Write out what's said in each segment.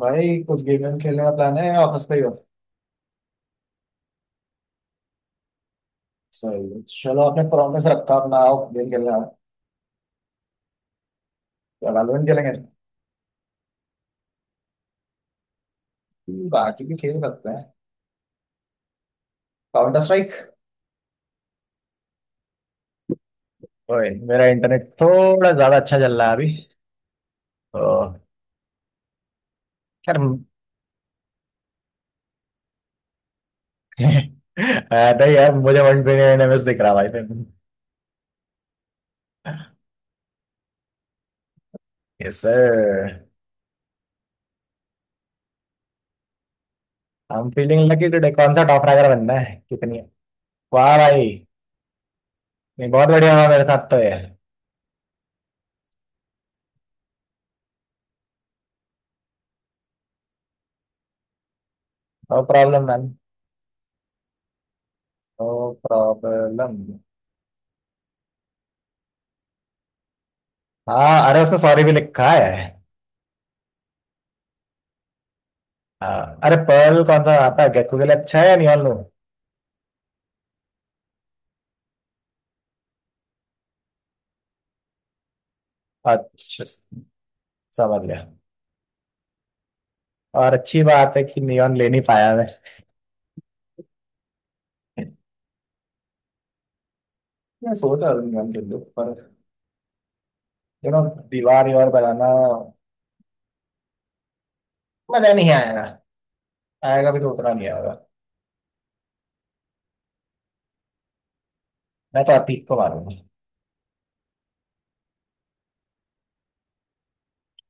भाई कुछ गेम वेम खेलने का प्लान है या ऑफिस पे ही हो। सही है। चलो, आपने प्रॉमिस रखा अपना, आओ गेम खेलने आओ। क्या वैलोरेंट खेलेंगे? बाकी भी खेल सकते हैं। Counter strike. ओए, मेरा इंटरनेट थोड़ा ज्यादा अच्छा चल रहा है अभी। ओ, यार। नहीं यार, मुझे 129 ms दिख रहा भाई। Yes sir. I am feeling lucky today. कौन सा टॉप रैगर बनना है, कितनी है? वाह भाई। नहीं, बहुत बढ़िया हुआ मेरे साथ तो ये। No problem man. No problem. हाँ, अरे उसने सॉरी भी लिखा है। हाँ। अरे पर्ल कौन सा आता है? गेको के लिए अच्छा है या नियॉन लूं? अच्छा, समझ गया। और अच्छी बात है कि नियॉन ले नहीं पाया मैं। मैं सोच रहा था नियॉन के लिए, पर यू नो दीवार यार बनाना मजा नहीं आएगा। आएगा भी तो उतना नहीं आएगा। मैं तो अतीक को मारूंगा।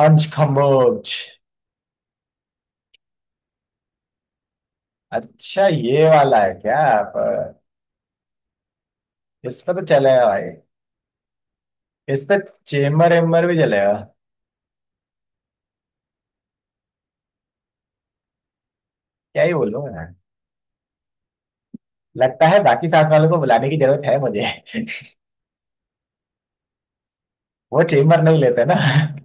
अंश खम्बोज। अच्छा, ये वाला है क्या? पर इस पे तो चलेगा भाई। इस पे चेम्बर एम्बर भी चलेगा। क्या ही बोलूं मैं। लगता है बाकी साथ वालों को बुलाने की जरूरत है मुझे। वो चेम्बर नहीं लेते ना।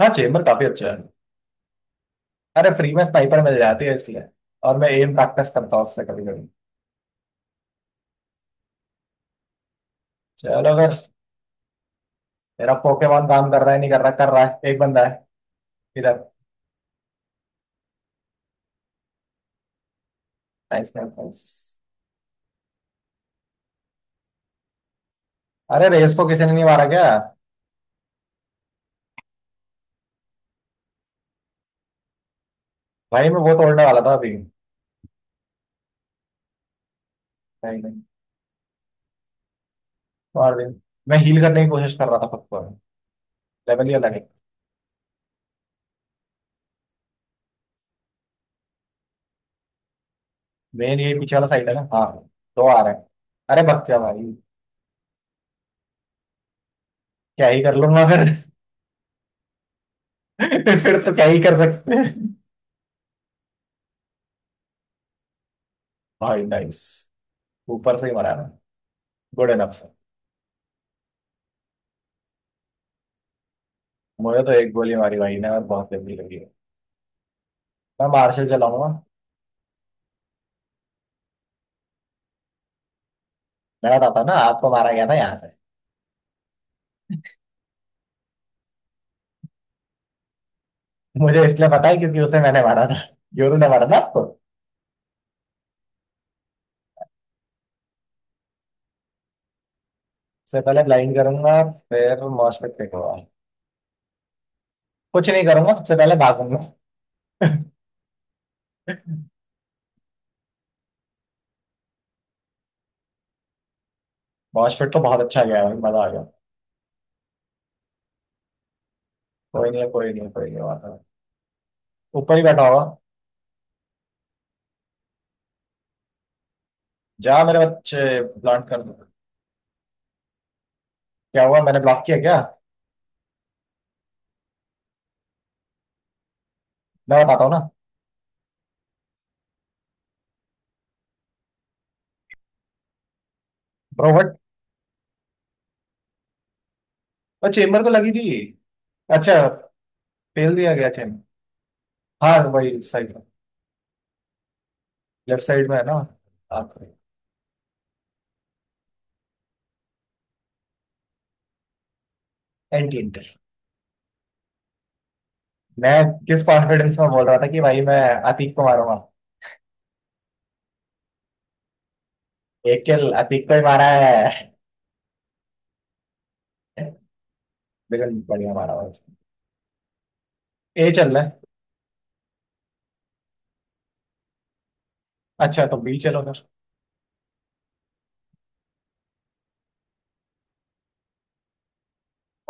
हाँ, चेम्बर काफी अच्छा है। अरे फ्री में स्नाइपर मिल जाती है इसलिए। और मैं एम प्रैक्टिस करता हूँ उससे कभी कभी। चलो अगर। मेरा पोकेमॉन काम कर रहा है, नहीं कर रहा, कर रहा है। एक बंदा है इधर। Nice nice nice. अरे रेस को किसी ने नहीं मारा क्या? भाई मैं वो तोड़ने वाला था अभी। नहीं नहीं। मार दिया। मैं हील करने की कोशिश कर रहा था खुद को। लेवल ही अलग है। मेन ये पीछे वाला साइड है ना। हाँ, दो आ रहे हैं। अरे बक जा भाई। क्या ही कर लूंगा फिर। फिर तो क्या ही कर सकते हैं। भाई नाइस। ऊपर से ही मारा है। Good enough. मुझे तो एक गोली मारी भाई ने और बहुत गंदी लगी है। मैं मार्शल चलाऊंगा। मैं बताता हूँ ना, आपको मारा गया था यहाँ से। मुझे इसलिए पता है क्योंकि उसे मैंने मारा था। योरू ने मारा था आपको। सबसे पहले ब्लाइंड करूंगा, फिर मॉशपिट फेंकूंगा। कुछ नहीं करूंगा, सबसे पहले भागूंगा। मॉशपिट तो बहुत अच्छा गया भाई, मजा आ गया। कोई नहीं है, कोई नहीं है, कोई नहीं बात है। ऊपर ही बैठा होगा। जा मेरे बच्चे, ब्लॉक कर दो। क्या हुआ, मैंने ब्लॉक किया क्या? मैं बताता हूँ ना। रोबोट। और चेम्बर को लगी थी। अच्छा, फेल दिया गया चेम्बर। हाँ वही सही। लेफ्ट साइड में है ना। हाँ, एंटी इंटर। मैं किस कॉन्फिडेंस में बोल रहा था कि भाई मैं अतीक को मारूंगा। एक किल अतीक को ही मारा है। बिल्कुल बढ़िया मारा हुआ उसने। ए चल रहा है। अच्छा, तो बी चलो फिर।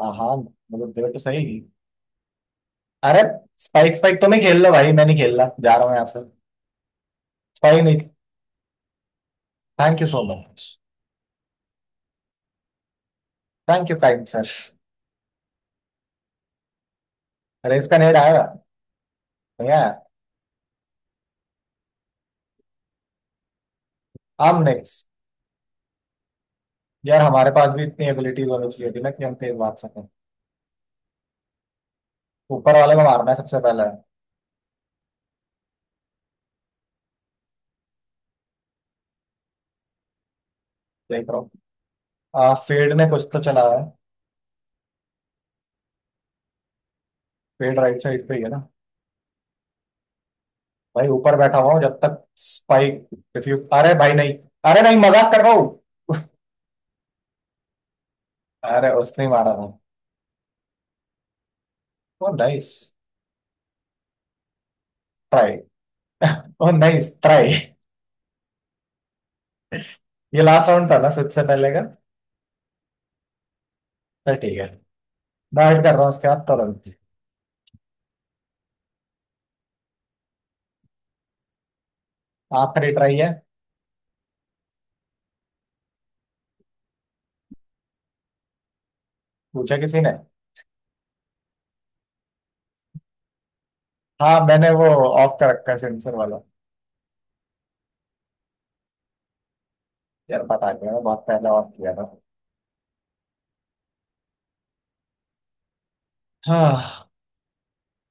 हाँ हाँ, मतलब देखो तो सही। अरे स्पाइक, स्पाइक तुम ही खेल लो भाई, मैं नहीं खेल रहा, जा रहा हूँ यहाँ से। स्पाइक नहीं। Thank you so much. Thank you kind sir. अरे इसका नेट आएगा। नहीं आया। हम नेक्स्ट। यार, हमारे पास भी इतनी एबिलिटीज होनी चाहिए थी ना कि हम तेज भाग सकें। ऊपर वाले को मारना है सबसे पहले। देख रहा हूँ। फेड ने कुछ तो चला है। फेड राइट साइड पे ही है ना। भाई ऊपर बैठा हुआ हूँ जब तक स्पाइक। रिफ्यूज, अरे भाई नहीं। अरे नहीं, मजाक कर रहा हूँ। अरे उसने ही मारा था। ओ नाइस ट्राई। ओ नाइस ट्राई। ये लास्ट राउंड था ना सबसे पहले का? तो ठीक है। डाइट कर रहा हूँ उसके बाद तुरंत। आखिरी ट्राई है। पूछा किसी ने? हाँ मैंने वो ऑफ कर रखा है, सेंसर वाला। यार बता दिया, मैं बहुत पहले ऑफ किया था। हाँ।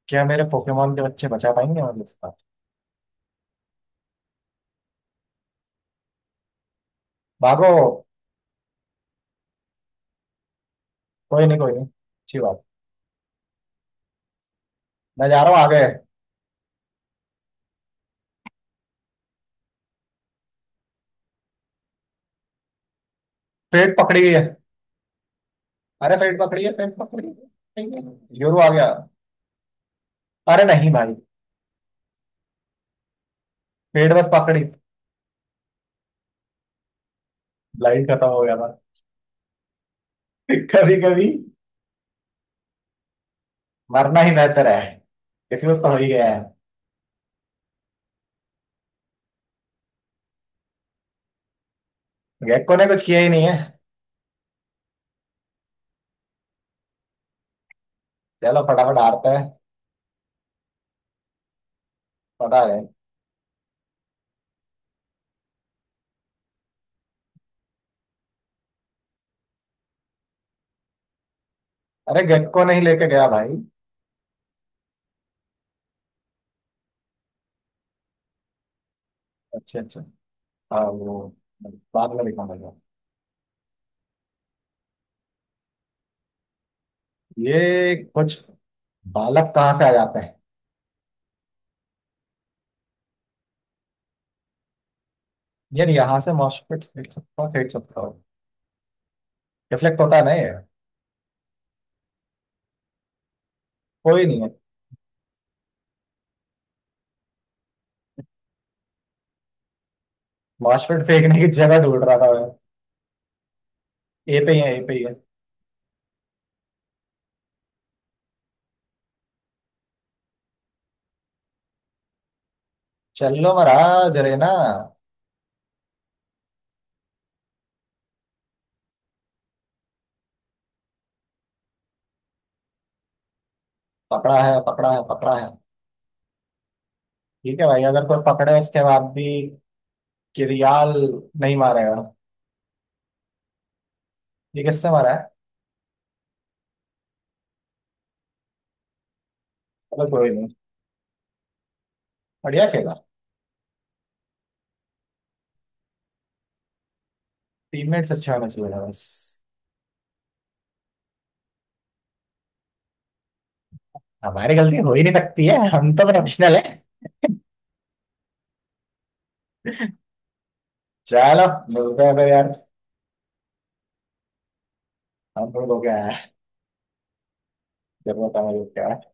क्या मेरे पोकेमोन के बच्चे बचा पाएंगे मतलब इस बार? भागो। कोई नहीं, कोई नहीं, अच्छी बात। मैं जा रहा हूँ आगे। पेट पकड़ी है। अरे पेट पकड़िए, पेट पकड़िए। ठीक है, यूरो आ गया। अरे नहीं भाई, पेट बस पकड़ी। लाइन खत्म हो गया था। कभी कभी मरना ही बेहतर है। डिफ्यूज तो हो ही गया है। गेक्को ने कुछ किया ही नहीं है। चलो फटाफट हारते हैं। पता है। अरे गेक्को नहीं लेके गया भाई। अच्छा अच्छा। हाँ वो बाद में दिखाऊंगा। ये कुछ बालक कहाँ से आ जाते हैं? यार यहाँ से मॉस्फेट फेंक सकता हूँ, फेंक सकता हूँ। रिफ्लेक्ट होता है ना ये? कोई नहीं है। मॉस्फेट फेंकने की जगह ढूंढ रहा था मैं। ए पे ही है, ए पे ही है। चल लो महाराज, अरे ना। पकड़ा है, पकड़ा है, पकड़ा है। ठीक है भाई, अगर कोई पकड़े उसके बाद भी। किरियाल नहीं मारेगा। ये किससे मारा है? चलो कोई नहीं। बढ़िया खेला। टीममेट्स अच्छे होने चाहिए बस। हमारी गलती हो ही नहीं सकती है, हम तो प्रोफेशनल है। चलो, मिलते हैं फिर यार। हम थोड़ा धो के आया है, जरूरत है मुझे।